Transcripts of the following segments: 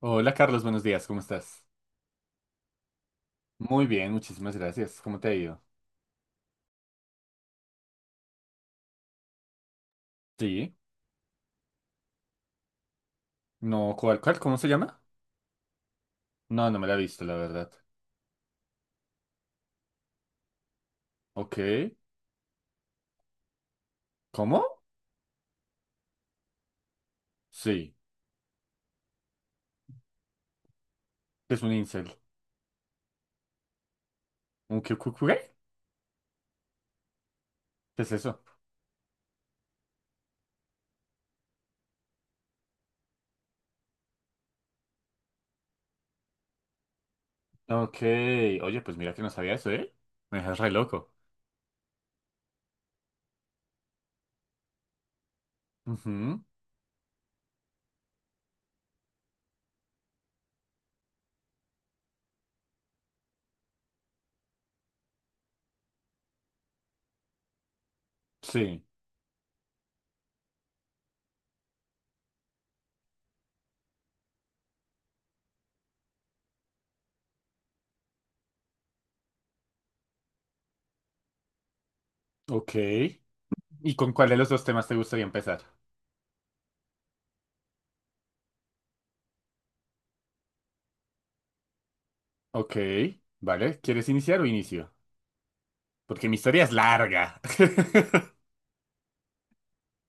Hola Carlos, buenos días, ¿cómo estás? Muy bien, muchísimas gracias. ¿Cómo te ha ido? Sí. No, ¿cuál, cuál? ¿Cómo se llama? No, no me la he visto, la verdad. Ok. ¿Cómo? Sí. ¿Qué es un incel? ¿Un qué? ¿Qué ¿Qué es eso? Ok. Oye, pues mira que no sabía eso, ¿eh? Me dejas re loco. Ujú, Sí. Ok. ¿Y con cuál de los dos temas te gustaría empezar? Ok. Vale, ¿quieres iniciar o inicio? Porque mi historia es larga.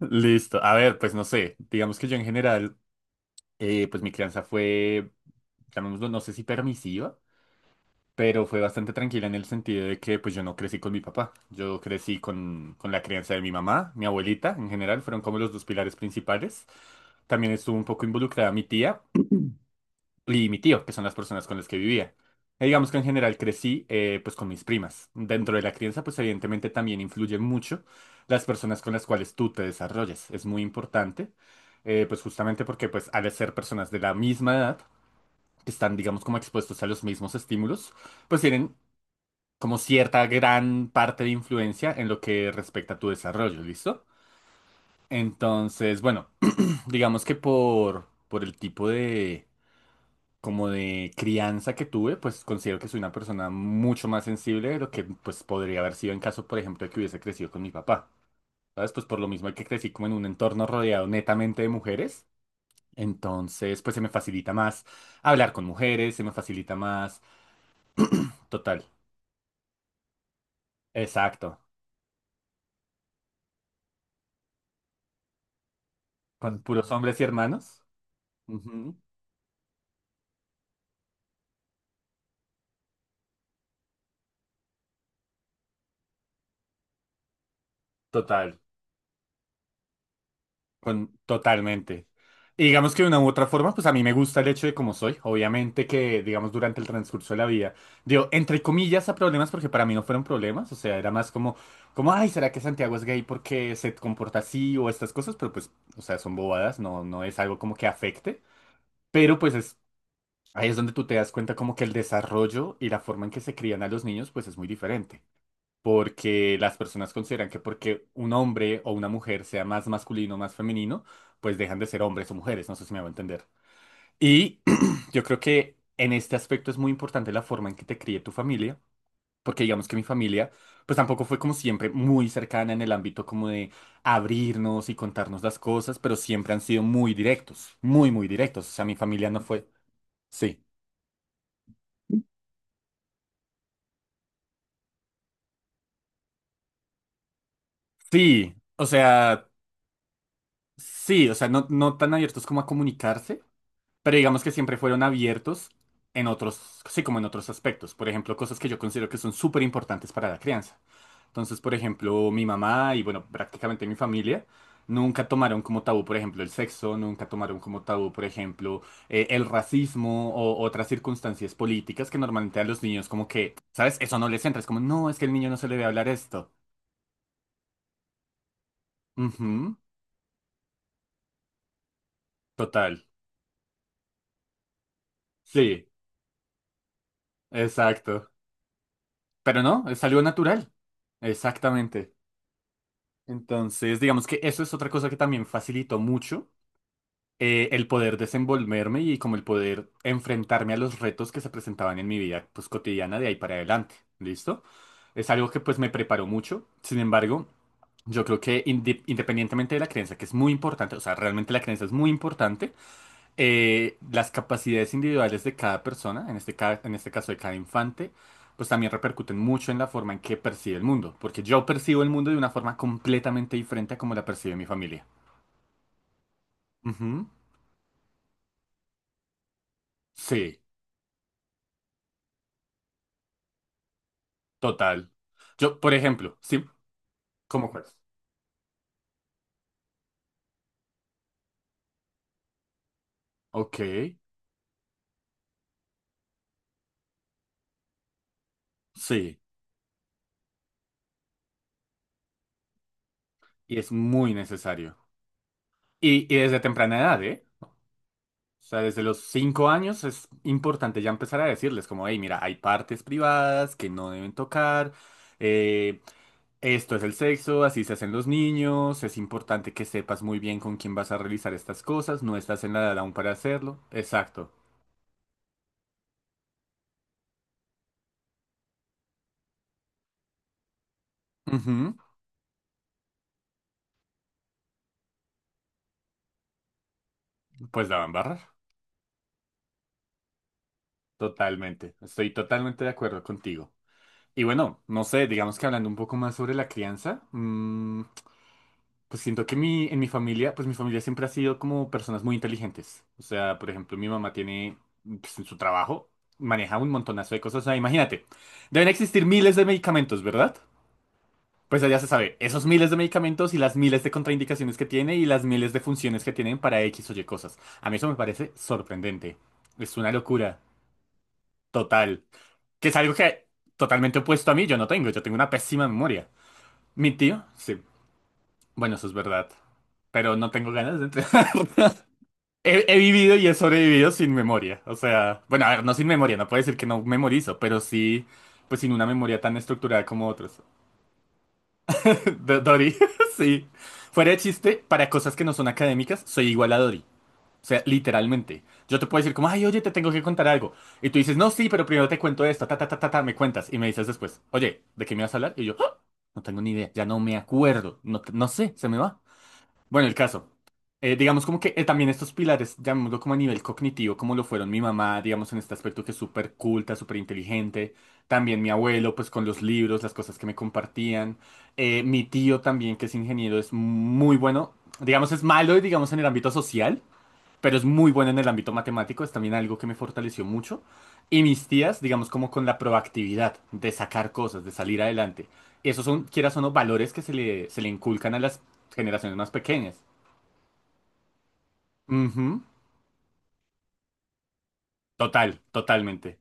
Listo. A ver, pues no sé. Digamos que yo en general pues mi crianza fue, llamémoslo, no sé si permisiva, pero fue bastante tranquila en el sentido de que pues yo no crecí con mi papá, yo crecí con la crianza de mi mamá, mi abuelita en general, fueron como los dos pilares principales. También estuvo un poco involucrada mi tía y mi tío, que son las personas con las que vivía. Y digamos que en general crecí pues con mis primas. Dentro de la crianza pues evidentemente también influye mucho las personas con las cuales tú te desarrollas, es muy importante. Pues justamente porque pues al ser personas de la misma edad, que están, digamos, como expuestos a los mismos estímulos, pues tienen como cierta gran parte de influencia en lo que respecta a tu desarrollo, ¿listo? Entonces, bueno, digamos que por el tipo de, como de crianza que tuve, pues considero que soy una persona mucho más sensible de lo que pues podría haber sido en caso, por ejemplo, de que hubiese crecido con mi papá. ¿Sabes? Pues por lo mismo que crecí como en un entorno rodeado netamente de mujeres, entonces pues se me facilita más hablar con mujeres, se me facilita más, total, Exacto. Con puros hombres y hermanos. Ujú. Total. Con, totalmente. Y digamos que de una u otra forma, pues a mí me gusta el hecho de cómo soy. Obviamente que, digamos, durante el transcurso de la vida, digo, entre comillas a problemas, porque para mí no fueron problemas. O sea, era más como, como, ay, ¿será que Santiago es gay porque se comporta así o estas cosas? Pero pues, o sea, son bobadas, no, no es algo como que afecte. Pero pues es, ahí es donde tú te das cuenta como que el desarrollo y la forma en que se crían a los niños, pues es muy diferente. Porque las personas consideran que porque un hombre o una mujer sea más masculino o más femenino, pues dejan de ser hombres o mujeres, no sé si me va a entender. Y yo creo que en este aspecto es muy importante la forma en que te críe tu familia, porque digamos que mi familia, pues tampoco fue como siempre muy cercana en el ámbito como de abrirnos y contarnos las cosas, pero siempre han sido muy directos, muy, muy directos. O sea, mi familia no fue... Sí, sí, o sea, sí, o sea, no, no tan abiertos como a comunicarse. Pero digamos que siempre fueron abiertos en otros, sí, como en otros aspectos. Por ejemplo, cosas que yo considero que son súper importantes para la crianza. Entonces, por ejemplo, mi mamá y, bueno, prácticamente mi familia nunca tomaron como tabú, por ejemplo, el sexo, nunca tomaron como tabú, por ejemplo, el racismo o otras circunstancias políticas que normalmente a los niños como que, ¿sabes? Eso no les entra. Es como, no, es que el niño no se le debe hablar esto. Ujú, total. Sí, exacto. Pero no, es algo natural. Exactamente. Entonces, digamos que eso es otra cosa que también facilitó mucho el poder desenvolverme y como el poder enfrentarme a los retos que se presentaban en mi vida pues cotidiana de ahí para adelante. ¿Listo? Es algo que pues me preparó mucho. Sin embargo, yo creo que independientemente de la creencia, que es muy importante, o sea, realmente la creencia es muy importante, las capacidades individuales de cada persona, en este caso de cada infante, pues también repercuten mucho en la forma en que percibe el mundo, porque yo percibo el mundo de una forma completamente diferente a como la percibe mi familia. Ujú. Sí, total. Yo, por ejemplo, sí, ¿cómo cuál? Ok, sí, y es muy necesario. Y desde temprana edad, ¿eh? O sea, desde los 5 años es importante ya empezar a decirles como, hey, mira, hay partes privadas que no deben tocar, eh, Esto es el sexo, así se hacen los niños, es importante que sepas muy bien con quién vas a realizar estas cosas, no estás en la edad aún para hacerlo. Exacto. Ujú, Pues la van a barrar. Totalmente. Estoy totalmente de acuerdo contigo. Y bueno, no sé, digamos que hablando un poco más sobre la crianza, mm, pues siento que en mi familia, pues mi familia siempre ha sido como personas muy inteligentes. O sea, por ejemplo, mi mamá tiene, pues en su trabajo, maneja un montonazo de cosas. O sea, imagínate, deben existir miles de medicamentos, ¿verdad? Pues ya se sabe, esos miles de medicamentos y las miles de contraindicaciones que tiene y las miles de funciones que tienen para X o Y cosas. A mí eso me parece sorprendente. Es una locura. Total. Que es algo que totalmente opuesto a mí yo no tengo. Yo tengo una pésima memoria. Mi tío, sí. Bueno, eso es verdad. Pero no tengo ganas de entrenar. He vivido y he sobrevivido sin memoria. O sea, bueno, a ver, no sin memoria. No puedo decir que no memorizo, pero sí, pues sin una memoria tan estructurada como otros. Dory, sí. Fuera de chiste, para cosas que no son académicas, soy igual a Dory. O sea, literalmente. Yo te puedo decir como, ay, oye, te tengo que contar algo. Y tú dices, no, sí, pero primero te cuento esto, ta, ta, ta, ta, ta, me cuentas. Y me dices después, oye, ¿de qué me vas a hablar? Y yo, "Ah, no tengo ni idea, ya no me acuerdo, no, no sé, se me va. Bueno, el caso. Digamos como que también estos pilares, llamémoslo como a nivel cognitivo, como lo fueron mi mamá, digamos en este aspecto que es súper culta, súper inteligente, también mi abuelo, pues con los libros, las cosas que me compartían, mi tío también, que es ingeniero, es muy bueno, digamos es malo, digamos en el ámbito social, pero es muy bueno en el ámbito matemático, es también algo que me fortaleció mucho, y mis tías, digamos como con la proactividad de sacar cosas, de salir adelante, esos son, quieras o no, valores que se le inculcan a las generaciones más pequeñas. Ujú, Total, totalmente.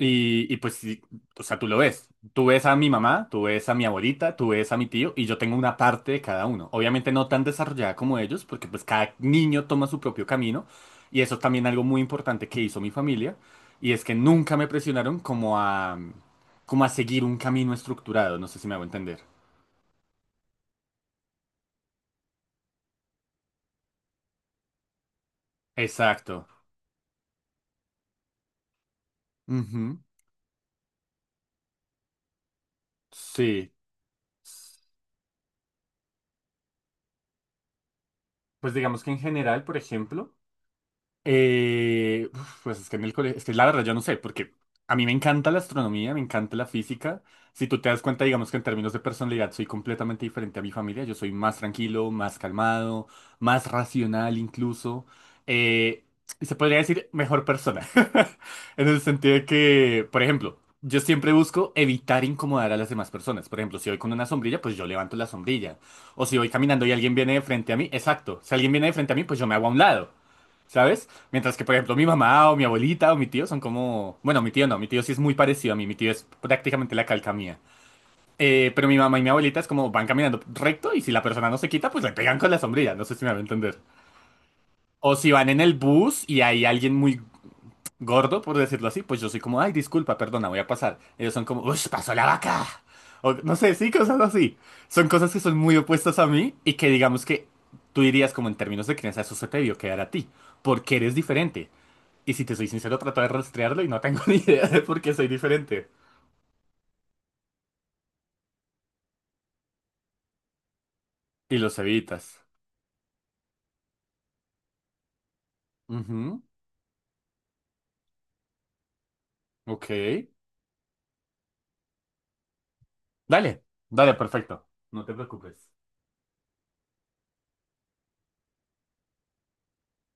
Y pues, sí, o sea, tú lo ves. Tú ves a mi mamá, tú ves a mi abuelita, tú ves a mi tío y yo tengo una parte de cada uno. Obviamente no tan desarrollada como ellos, porque pues cada niño toma su propio camino. Y eso es también algo muy importante que hizo mi familia. Y es que nunca me presionaron como a, como a seguir un camino estructurado. No sé si me hago entender. Exacto. Ujú, Sí. Pues digamos que en general, por ejemplo. Uf, pues es que en el colegio, es que la verdad yo no sé, porque a mí me encanta la astronomía, me encanta la física. Si tú te das cuenta, digamos que en términos de personalidad soy completamente diferente a mi familia. Yo soy más tranquilo, más calmado, más racional incluso. Eh, y se podría decir mejor persona. En el sentido de que, por ejemplo, yo siempre busco evitar incomodar a las demás personas. Por ejemplo, si voy con una sombrilla, pues yo levanto la sombrilla. O si voy caminando y alguien viene de frente a mí, exacto. Si alguien viene de frente a mí, pues yo me hago a un lado. ¿Sabes? Mientras que, por ejemplo, mi mamá o mi abuelita o mi tío son como... Bueno, mi tío no, mi tío sí es muy parecido a mí, mi tío es prácticamente la calca mía. Pero mi mamá y mi abuelita es como van caminando recto y si la persona no se quita, pues le pegan con la sombrilla, no sé si me va a entender. O si van en el bus y hay alguien muy gordo, por decirlo así, pues yo soy como, ay, disculpa, perdona, voy a pasar. Ellos son como, uy, pasó la vaca. O no sé, sí, cosas así. Son cosas que son muy opuestas a mí y que digamos que tú dirías como en términos de crianza, eso se te debió quedar a ti, porque eres diferente. Y si te soy sincero, trato de rastrearlo y no tengo ni idea de por qué soy diferente. Y los evitas. Ujú, Ok. Dale, dale, perfecto. No te preocupes.